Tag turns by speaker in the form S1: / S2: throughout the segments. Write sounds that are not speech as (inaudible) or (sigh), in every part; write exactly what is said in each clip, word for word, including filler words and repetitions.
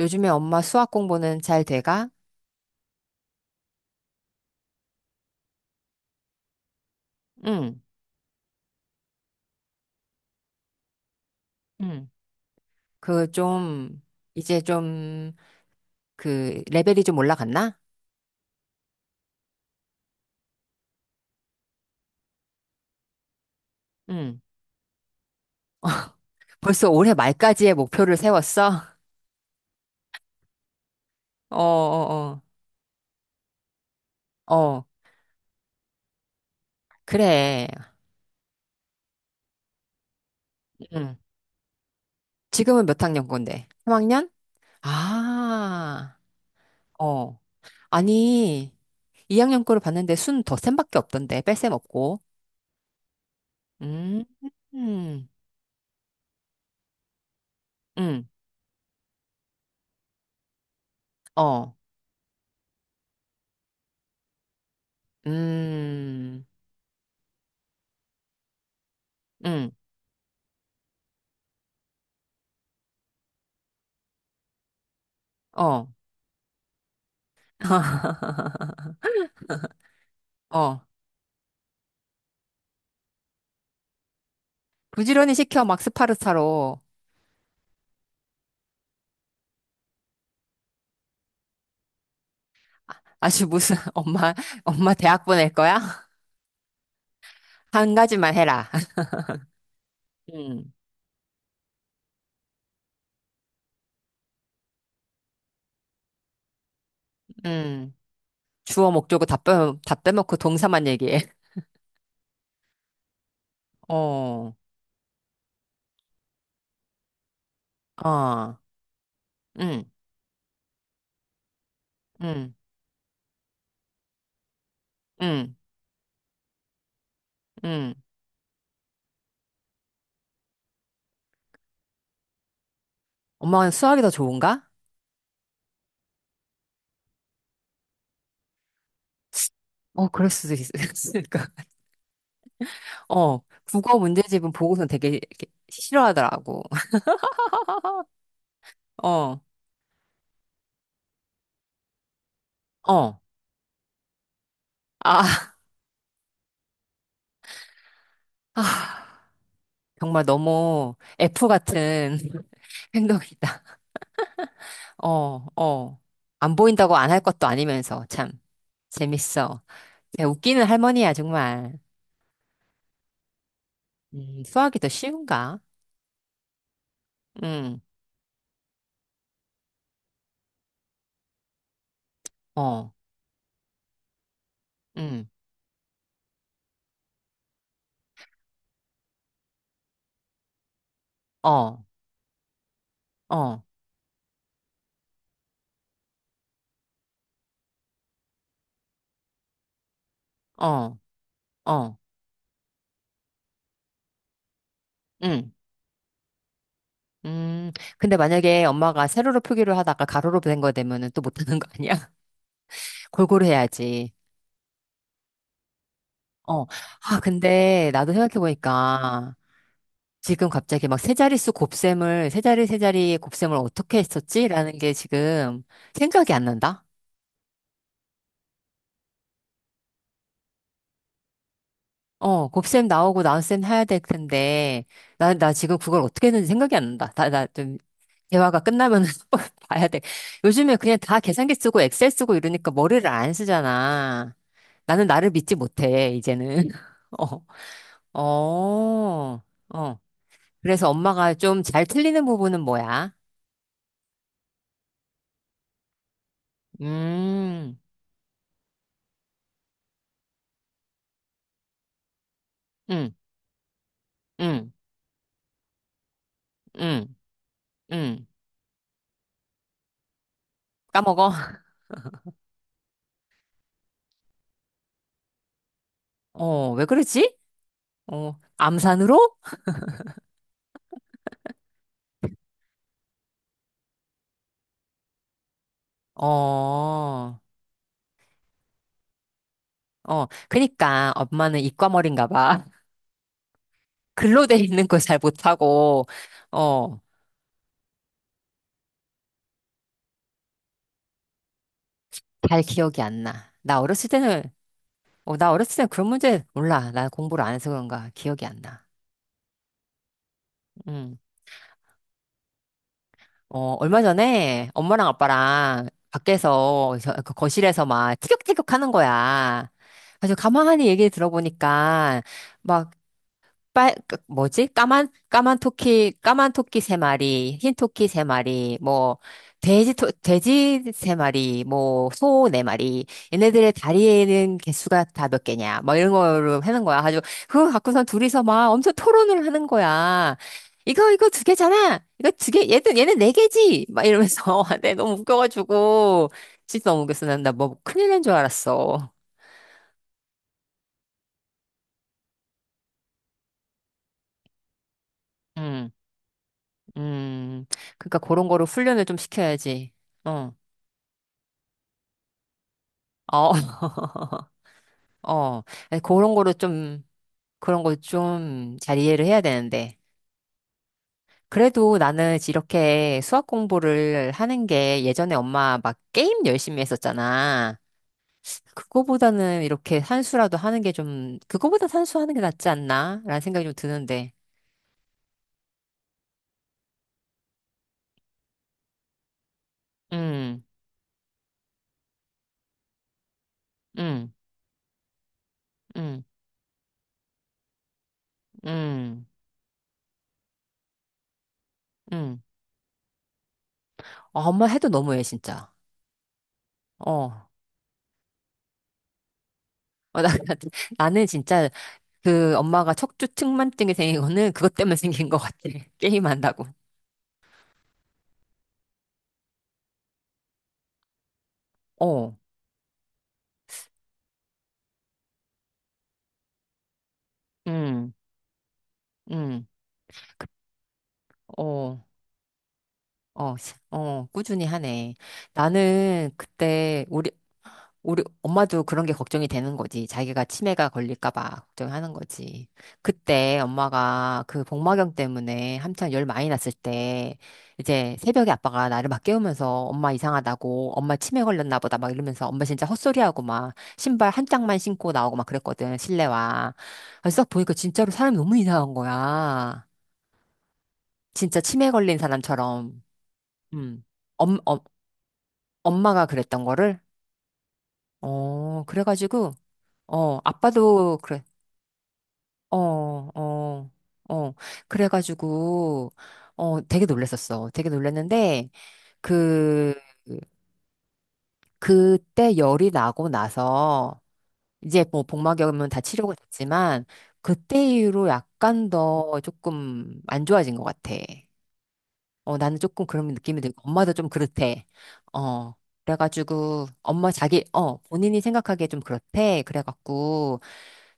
S1: 요즘에 엄마 수학 공부는 잘 돼가? 응, 응. 그 좀, 이제 좀, 그, 레벨이 좀 올라갔나? 응. (laughs) 벌써 올해 말까지의 목표를 세웠어? (laughs) 어, 어, 어. 어, 그래. 응. 지금은 몇 학년 건데? 삼 학년? 아, 어. 아니, 이 학년 거를 봤는데 순 더 쌤밖에 없던데, 뺄셈 없고. 음, 음, 음, 어, 음, 음, 어. (laughs) 어, 부지런히 시켜, 막 스파르타로. 아- 아주 무슨, (laughs) 엄마, 엄마 대학 보낼 거야? (laughs) 한 가지만 해라. (laughs) 음, 음. 주어 목적어 다 빼, 다 빼먹고 동사만 얘기해. (laughs) 어, 어, 응, 응, 응, 응. 엄마는 수학이 더 좋은가? 어, 그럴 수도 있- (laughs) 있으니까. 어, 국어 문제집은 보고서 되게 이렇게 싫어하더라고. (laughs) 어, 어, 아, (laughs) 아. 정말 너무 F 같은 (laughs) 행동이다. 어, 어. 안 보인다고 안 할 것도 아니면서 참 재밌어. 야, 웃기는 할머니야, 정말. 음, 수학이 더 쉬운가? 음, 어, 음, 어, 어, 어, 어, 음, 음. 근데 만약에 엄마가 세로로 표기를 하다가 가로로 된 거 되면은 또 못하는 거 아니야? (laughs) 골고루 해야지. 어. 아, 근데 나도 생각해보니까 지금 갑자기 막 세 자릿수 곱셈을, 세 자리 세 자리 곱셈을 어떻게 했었지? 라는 게 지금 생각이 안 난다? 어, 곱셈 나오고 나눗셈 해야 될 텐데, 나, 나 지금 그걸 어떻게 했는지 생각이 안 난다. 나, 나 좀, 대화가 끝나면 (laughs) 봐야 돼. 요즘에 그냥 다 계산기 쓰고 엑셀 쓰고 이러니까 머리를 안 쓰잖아. 나는 나를 믿지 못해, 이제는. (laughs) 어, 어, 어. 그래서 엄마가 좀 잘 틀리는 부분은 뭐야? 음, 음, 음, 음. 응. 까먹어. (laughs) 어, 왜 그러지? 어, 암산으로? 어, 어. 그니까 엄마는 이과머리인가 봐. (laughs) 글로 돼 있는 걸 잘 못하고, 어, 잘 기억이 안 나. 나 어렸을 때는, 어, 나 어렸을 때는 그런 문제 몰라. 난 공부를 안 해서 그런가 기억이 안 나. 음. 어, 얼마 전에 엄마랑 아빠랑 밖에서 저- 그 거실에서 막 티격태격 하는 거야. 그래서 가만히 얘기 들어보니까, 막 빨, 그 뭐지? 까만, 까만 토끼, 까만 토끼 세 마리, 흰 토끼 세 마리, 뭐, 돼지, 토, 돼지 세 마리, 뭐, 소 네 마리, 얘네들의 다리에 있는 개수가 다 몇 개냐, 뭐 이런 거로 하는 거야. 아주, 그거 갖고선 둘이서 막 엄청 토론을 하는 거야. 이거, 이거 두 개잖아! 이거 두 개, 얘는, 얘는 네 개지! 막 이러면서, (laughs) 내 너무 웃겨가지고, 진짜 너무 웃겼어. 난, 나뭐 큰일 난 줄 알았어. 음, 음. 그러니까 그런 거로 훈련을 좀 시켜야지. 어. 어, (laughs) 어, 아니, 그런 거를 좀, 그런 걸 좀 잘 이해를 해야 되는데. 그래도 나는 이렇게 수학 공부를 하는 게 예전에 엄마 막 게임 열심히 했었잖아. 그거보다는 이렇게 산수라도 하는 게 좀, 그거보다 산수 하는 게 낫지 않나? 라는 생각이 좀 드는데. 음, 음, 음, 음, 음. 아, 엄마 해도 너무해, 진짜. 어. 어, 나, (laughs) 나는 진짜 그 엄마가 척추 측만증이 생긴 거는 그것 때문에 (laughs) 생긴 것 같아. (laughs) 게임한다고. 어, 응, 응, 어, 어, 시- 어, 꾸준히 하네. 나는 그때 우리 우리 엄마도 그런 게 걱정이 되는 거지. 자기가 치매가 걸릴까 봐 걱정하는 거지. 그때 엄마가 그 복막염 때문에 한창 열 많이 났을 때 이제 새벽에 아빠가 나를 막 깨우면서 엄마 이상하다고 엄마 치매 걸렸나 보다 막 이러면서 엄마 진짜 헛소리하고 막 신발 한 짝만 신고 나오고 막 그랬거든. 실내화. 그래서 딱 보니까 진짜로 사람이 너무 이상한 거야. 진짜 치매 걸린 사람처럼. 음. 엄, 엄, 엄마가 그랬던 거를 어, 그래가지고 어, 아빠도 그래. 어, 어, 어. 그래가지고, 어, 되게 놀랬었어. 되게 놀랬는데, 그, 그때 열이 나고 나서, 이제 뭐 복막염은 다 치료가 됐지만, 그때 이후로 약간 더 조금 안 좋아진 것 같아. 어, 나는 조금 그런 느낌이 들고, 엄마도 좀 그렇대. 어. 그래가지고, 엄마 자기, 어, 본인이 생각하기에 좀 그렇대. 그래갖고,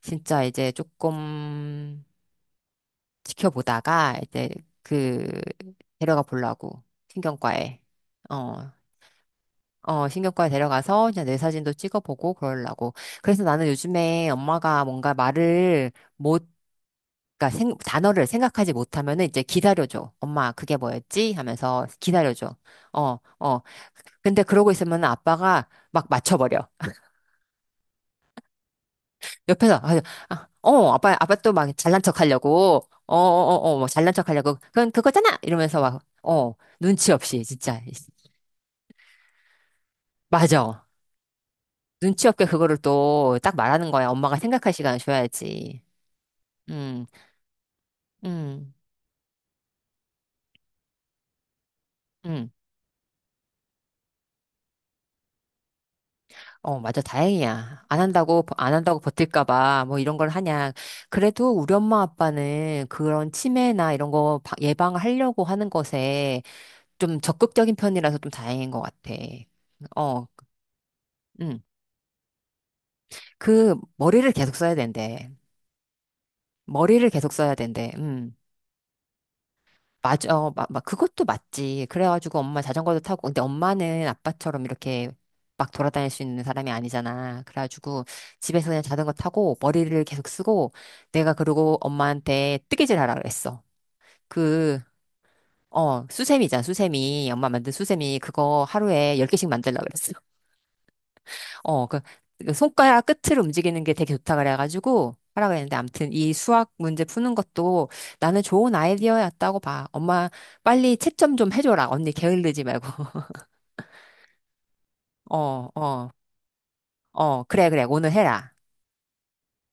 S1: 진짜 이제 조금, 지켜보다가 이제 그 데려가 보려고 신경과에. 어, 어, 신경과에 데려가서 이제 뇌 사진도 찍어보고 그러려고. 그래서 나는 요즘에 엄마가 뭔가 말을 못, 그러니까 생- 단어를 생각하지 못하면은 이제 기다려줘. 엄마 그게 뭐였지 하면서 기다려줘. 어, 어. 근데 그러고 있으면 아빠가 막 맞춰버려 옆에서. 아, 아, 어, 아빠 아빠 또 막 잘난 척 하려고 어어어어 뭐 잘난 척 하려고 그건 그거잖아 이러면서 막 어 눈치 없이 진짜. 맞아. 눈치 없게 그거를 또 딱 말하는 거야. 엄마가 생각할 시간을 줘야지. 음음음어. 맞아, 다행이야. 안 한다고 버- 안 한다고 버틸까 봐 뭐 이런 걸 하냐. 그래도 우리 엄마 아빠는 그런 치매나 이런 거 바- 예방하려고 하는 것에 좀 적극적인 편이라서 좀 다행인 것 같아. 어. 음. 그 머리를 계속 써야 된대. 머리를 계속 써야 된대. 음. 맞아. 어, 마, 마- 그것도 맞지. 그래가지고 엄마 자전거도 타고. 근데 엄마는 아빠처럼 이렇게 막 돌아다닐 수 있는 사람이 아니잖아. 그래가지고 집에서 그냥 자전거 타고 머리를 계속 쓰고. 내가 그러고 엄마한테 뜨개질 하라 그랬어. 그, 어, 수세미잖아. 수세미. 엄마 만든 수세미. 그거 하루에 열 개씩 만들라 그랬어. 어, 그, 그 손가락 끝을 움직이는 게 되게 좋다 그래가지고 하라 그랬는데. 아무튼 이 수학 문제 푸는 것도 나는 좋은 아이디어였다고 봐. 엄마 빨리 채점 좀 해줘라. 언니 게을르지 말고. (laughs) 어, 어, 어, 그래, 그래. 오늘 해라.